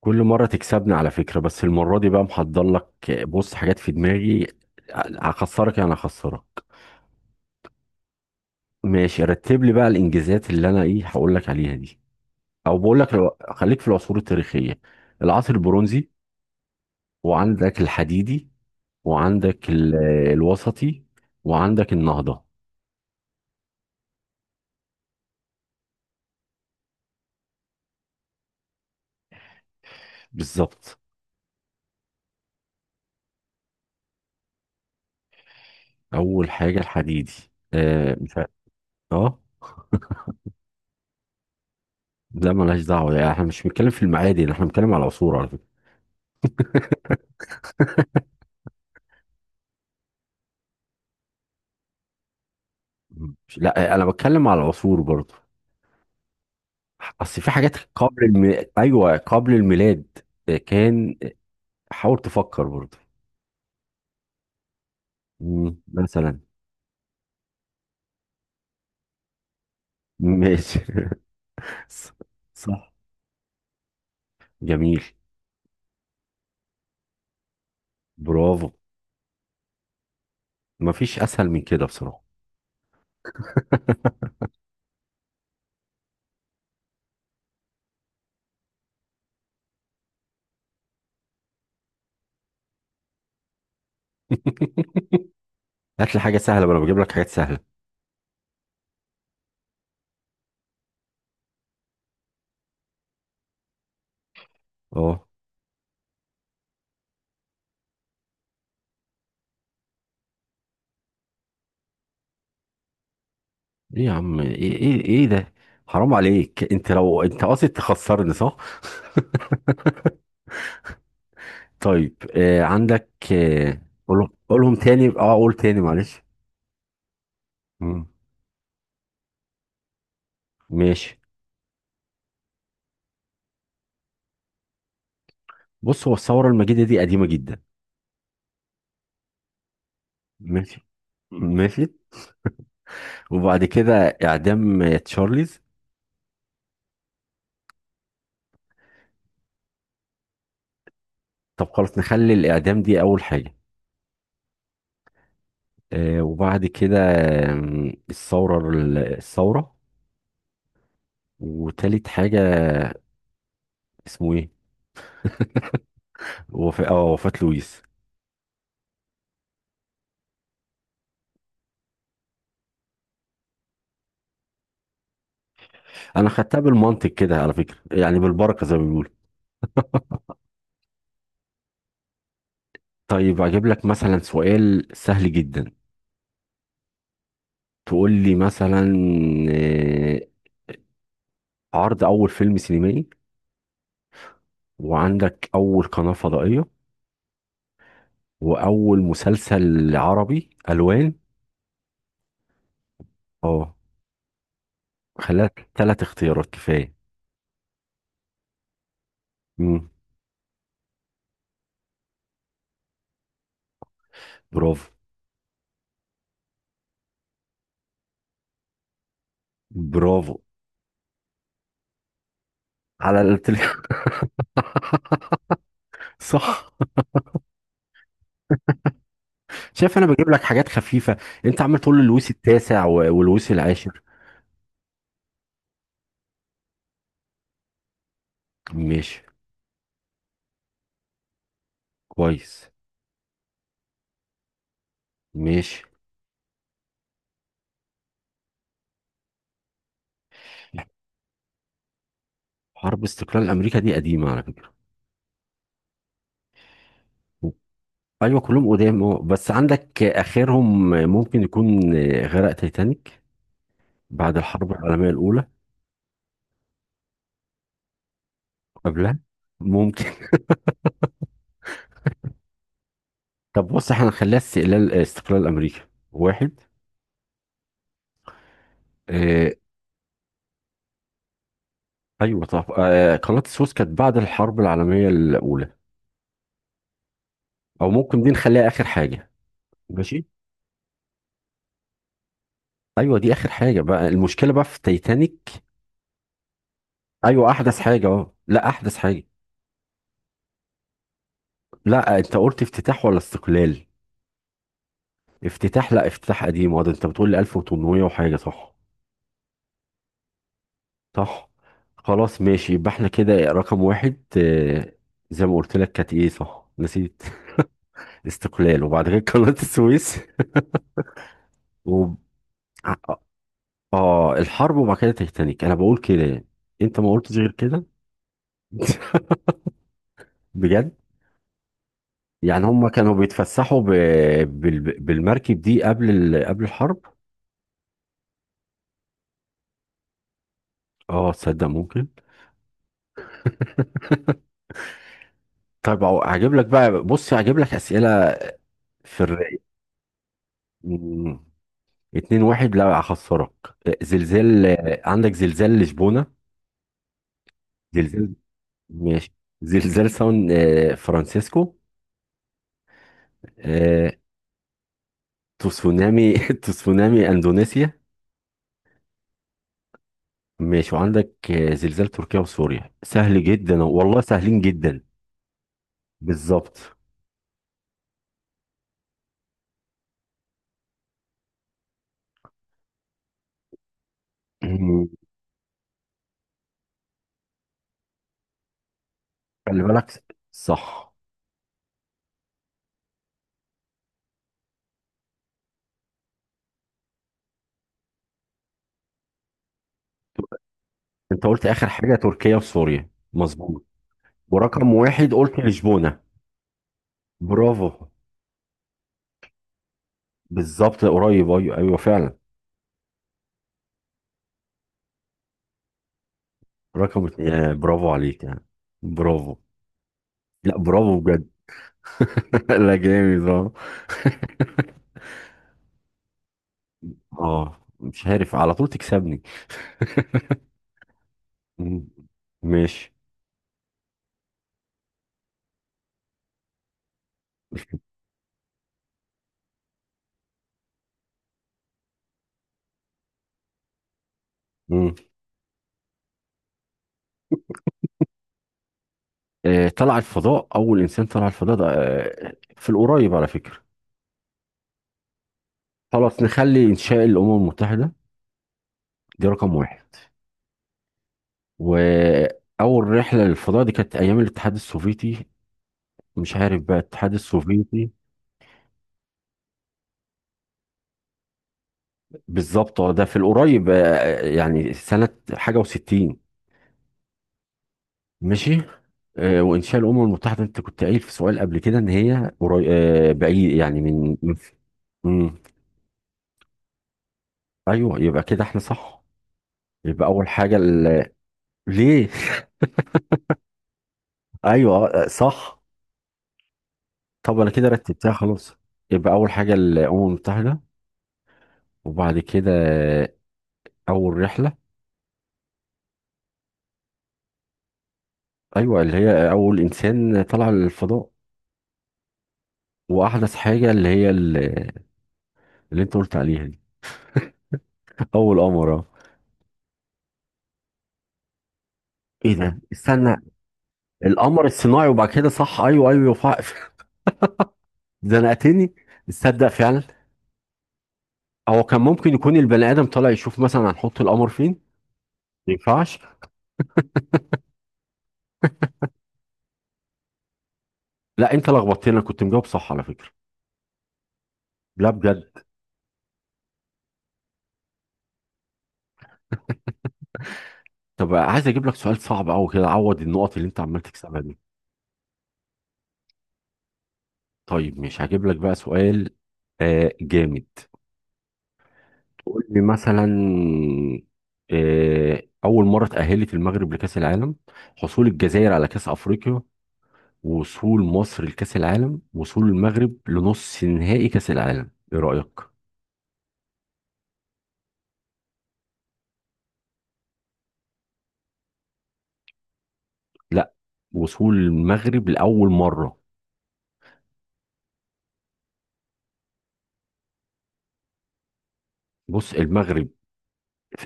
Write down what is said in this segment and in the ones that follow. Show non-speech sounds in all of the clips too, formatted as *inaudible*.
كل مرة تكسبني على فكرة، بس المرة دي بقى محضر لك. بص، حاجات في دماغي. هخسرك يعني هخسرك. ماشي، رتب لي بقى الانجازات اللي انا ايه هقول لك عليها دي. او بقول لك خليك في العصور التاريخية. العصر البرونزي. وعندك الحديدي. وعندك الوسطي. وعندك النهضة. بالظبط. اول حاجة الحديدي. آه، مش عارف. اه. لا، ملهاش دعوة، يعني احنا مش بنتكلم في المعادن، احنا بنتكلم على العصور على فكرة. لا، انا بتكلم على العصور برضه. اصل في حاجات ايوه، قبل الميلاد كان. حاول تفكر برضه. مثلا. ماشي. *laughs* ص- صح. جميل. برافو. مفيش اسهل من كده بصراحه. *laughs* هات لي حاجه سهله، ما انا بجيب لك حاجات سهله. اه، ايه يا عم، ايه ايه ايه ده؟ حرام عليك، انت لو انت قاصد تخسرني صح. *laughs* طيب عندك، قولهم تاني، قول تاني، معلش. مم. ماشي. بص، هو الثوره المجيده دي قديمه جدا. ماشي. ماشي. وبعد كده إعدام تشارليز. طب خلاص نخلي الإعدام دي أول حاجة. وبعد كده الثورة الثورة. وتالت حاجة اسمه إيه؟ وفاة لويس. أنا خدتها بالمنطق كده على فكرة، يعني بالبركة زي ما بيقولوا. طيب أجيب لك مثلا سؤال سهل جدا. تقول لي مثلا آه، عرض أول فيلم سينمائي. وعندك أول قناة فضائية. وأول مسلسل عربي ألوان. اه. خليها ثلاث اختيارات كفاية. مم. برافو. برافو. على التل... *laughs* صح. شايف انا بجيب لك حاجات خفيفة، انت عمال تقول اللويس التاسع واللويس العاشر. ماشي. كويس. ماشي. حرب استقلال امريكا دي قديمة على فكرة. ايوه كلهم قدام، اه، بس عندك اخرهم ممكن يكون غرق تايتانيك بعد الحرب العالمية الاولى. قبلها ممكن. *laughs* طب بص، احنا هنخليها استقلال امريكا واحد. آه، ايوه، طب قناه السويس كانت بعد الحرب العالميه الاولى، او ممكن دي نخليها اخر حاجه. ماشي. ايوه دي اخر حاجه بقى، المشكله بقى في تايتانيك. ايوه احدث حاجه، اه لا احدث حاجه. لا انت قلت افتتاح ولا استقلال؟ افتتاح. لا، افتتاح قديم، وده انت بتقول لي 1800 وحاجه صح. صح. خلاص ماشي، يبقى احنا كده رقم واحد. آه، زي ما قلت لك كانت ايه صح، نسيت. *laughs* استقلال وبعد كده قناه السويس و اه الحرب وبعد كده تيتانيك، انا بقول كده يعني. انت ما قلتش غير كده. *laughs* بجد. يعني هم كانوا بيتفسحوا بالمركب دي قبل الحرب. اه، تصدق ممكن. *laughs* طيب أهو هجيب لك بقى، بص هجيب لك اسئله في الرايق. مم. اتنين واحد، لا هخسرك. آه، زلزال آه، عندك زلزال لشبونه. زلزال. ماشي. زلزال سان فرانسيسكو. آه، تسونامي *laughs* تسونامي اندونيسيا. ماشي. وعندك زلزال تركيا وسوريا، سهل جدا والله، سهلين جدا. بالظبط. مم. خلي بالك. صح. انت قلت اخر حاجه تركيا وسوريا، مظبوط. ورقم واحد قلت لشبونه. برافو. بالظبط قريب، ايوه ايوه فعلا. رقم اتنين برافو عليك يعني. برافو. لا، برافو بجد. *laughs* لا، جامد اه. *laughs* اه، مش عارف، على طول تكسبني. مم. ماشي. مم. طلع الفضاء، أول إنسان طلع الفضاء ده في القريب على فكرة. خلاص نخلي إنشاء الأمم المتحدة دي رقم واحد. وأول رحلة للفضاء دي كانت أيام الاتحاد السوفيتي، مش عارف بقى الاتحاد السوفيتي. بالظبط. اه ده في القريب، يعني سنة حاجة 60. ماشي. وإنشاء الأمم المتحدة أنت كنت قايل في سؤال قبل كده إن هي قريب بعيد، يعني مم. أيوه، يبقى كده إحنا صح. يبقى أول حاجة ليه؟ *laughs* ايوه صح. طب انا كده رتبتها خلاص. يبقى اول حاجه الامم المتحده. وبعد كده اول رحله. ايوه اللي هي اول انسان طلع للفضاء. واحدث حاجه اللي هي اللي انت قلت عليها دي. *laughs* اول قمر اه. ايه ده، استنى. القمر الصناعي، وبعد كده، صح ايوه ايوه *laughs* زنقتني. تصدق فعلا. هو كان ممكن يكون البني ادم طالع يشوف مثلا هنحط القمر فين. ما ينفعش. لا، انت لخبطتني، انا كنت مجاوب صح على فكره. لا بجد. طب عايز اجيب لك سؤال صعب قوي كده عوض النقط اللي انت عمال تكسبها دي. طيب مش هجيب لك بقى سؤال جامد. قول لي مثلا أول مرة تأهلت المغرب لكأس العالم. حصول الجزائر على كأس أفريقيا. وصول مصر لكأس العالم. وصول المغرب لنص نهائي كأس العالم، إيه رأيك؟ لا، وصول المغرب لأول مرة. بص المغرب،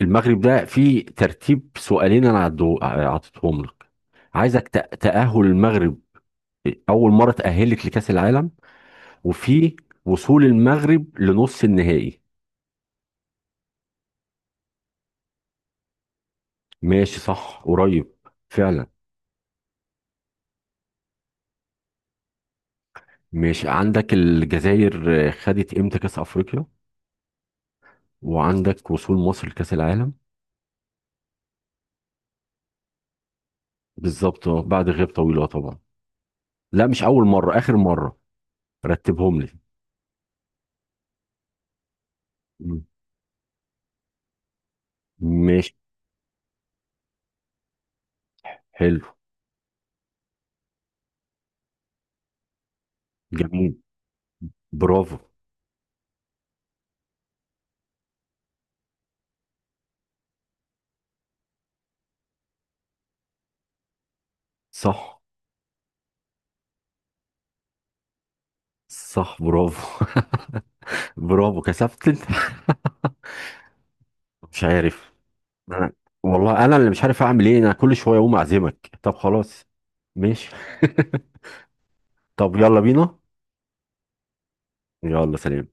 المغرب ده فيه ترتيب سؤالين أنا عطيتهم لك. عايزك تأهل المغرب أول مرة تأهلت لكأس العالم. وفي وصول المغرب لنص النهائي. ماشي صح قريب فعلا. ماشي عندك الجزائر خدت امتى كاس افريقيا؟ وعندك وصول مصر لكاس العالم. بالظبط. بعد غياب طويله طبعا. لا مش اول مره، اخر مره. رتبهم لي. مم. ماشي. حلو. جميل. برافو. صح. صح. برافو. *laughs* برافو، كسبت انت. *laughs* مش عارف. أنا- والله انا اللي مش عارف اعمل ايه، انا كل شويه اقوم اعزمك، طب خلاص. ماشي. *laughs* طب يلا بينا. يلا، سلام.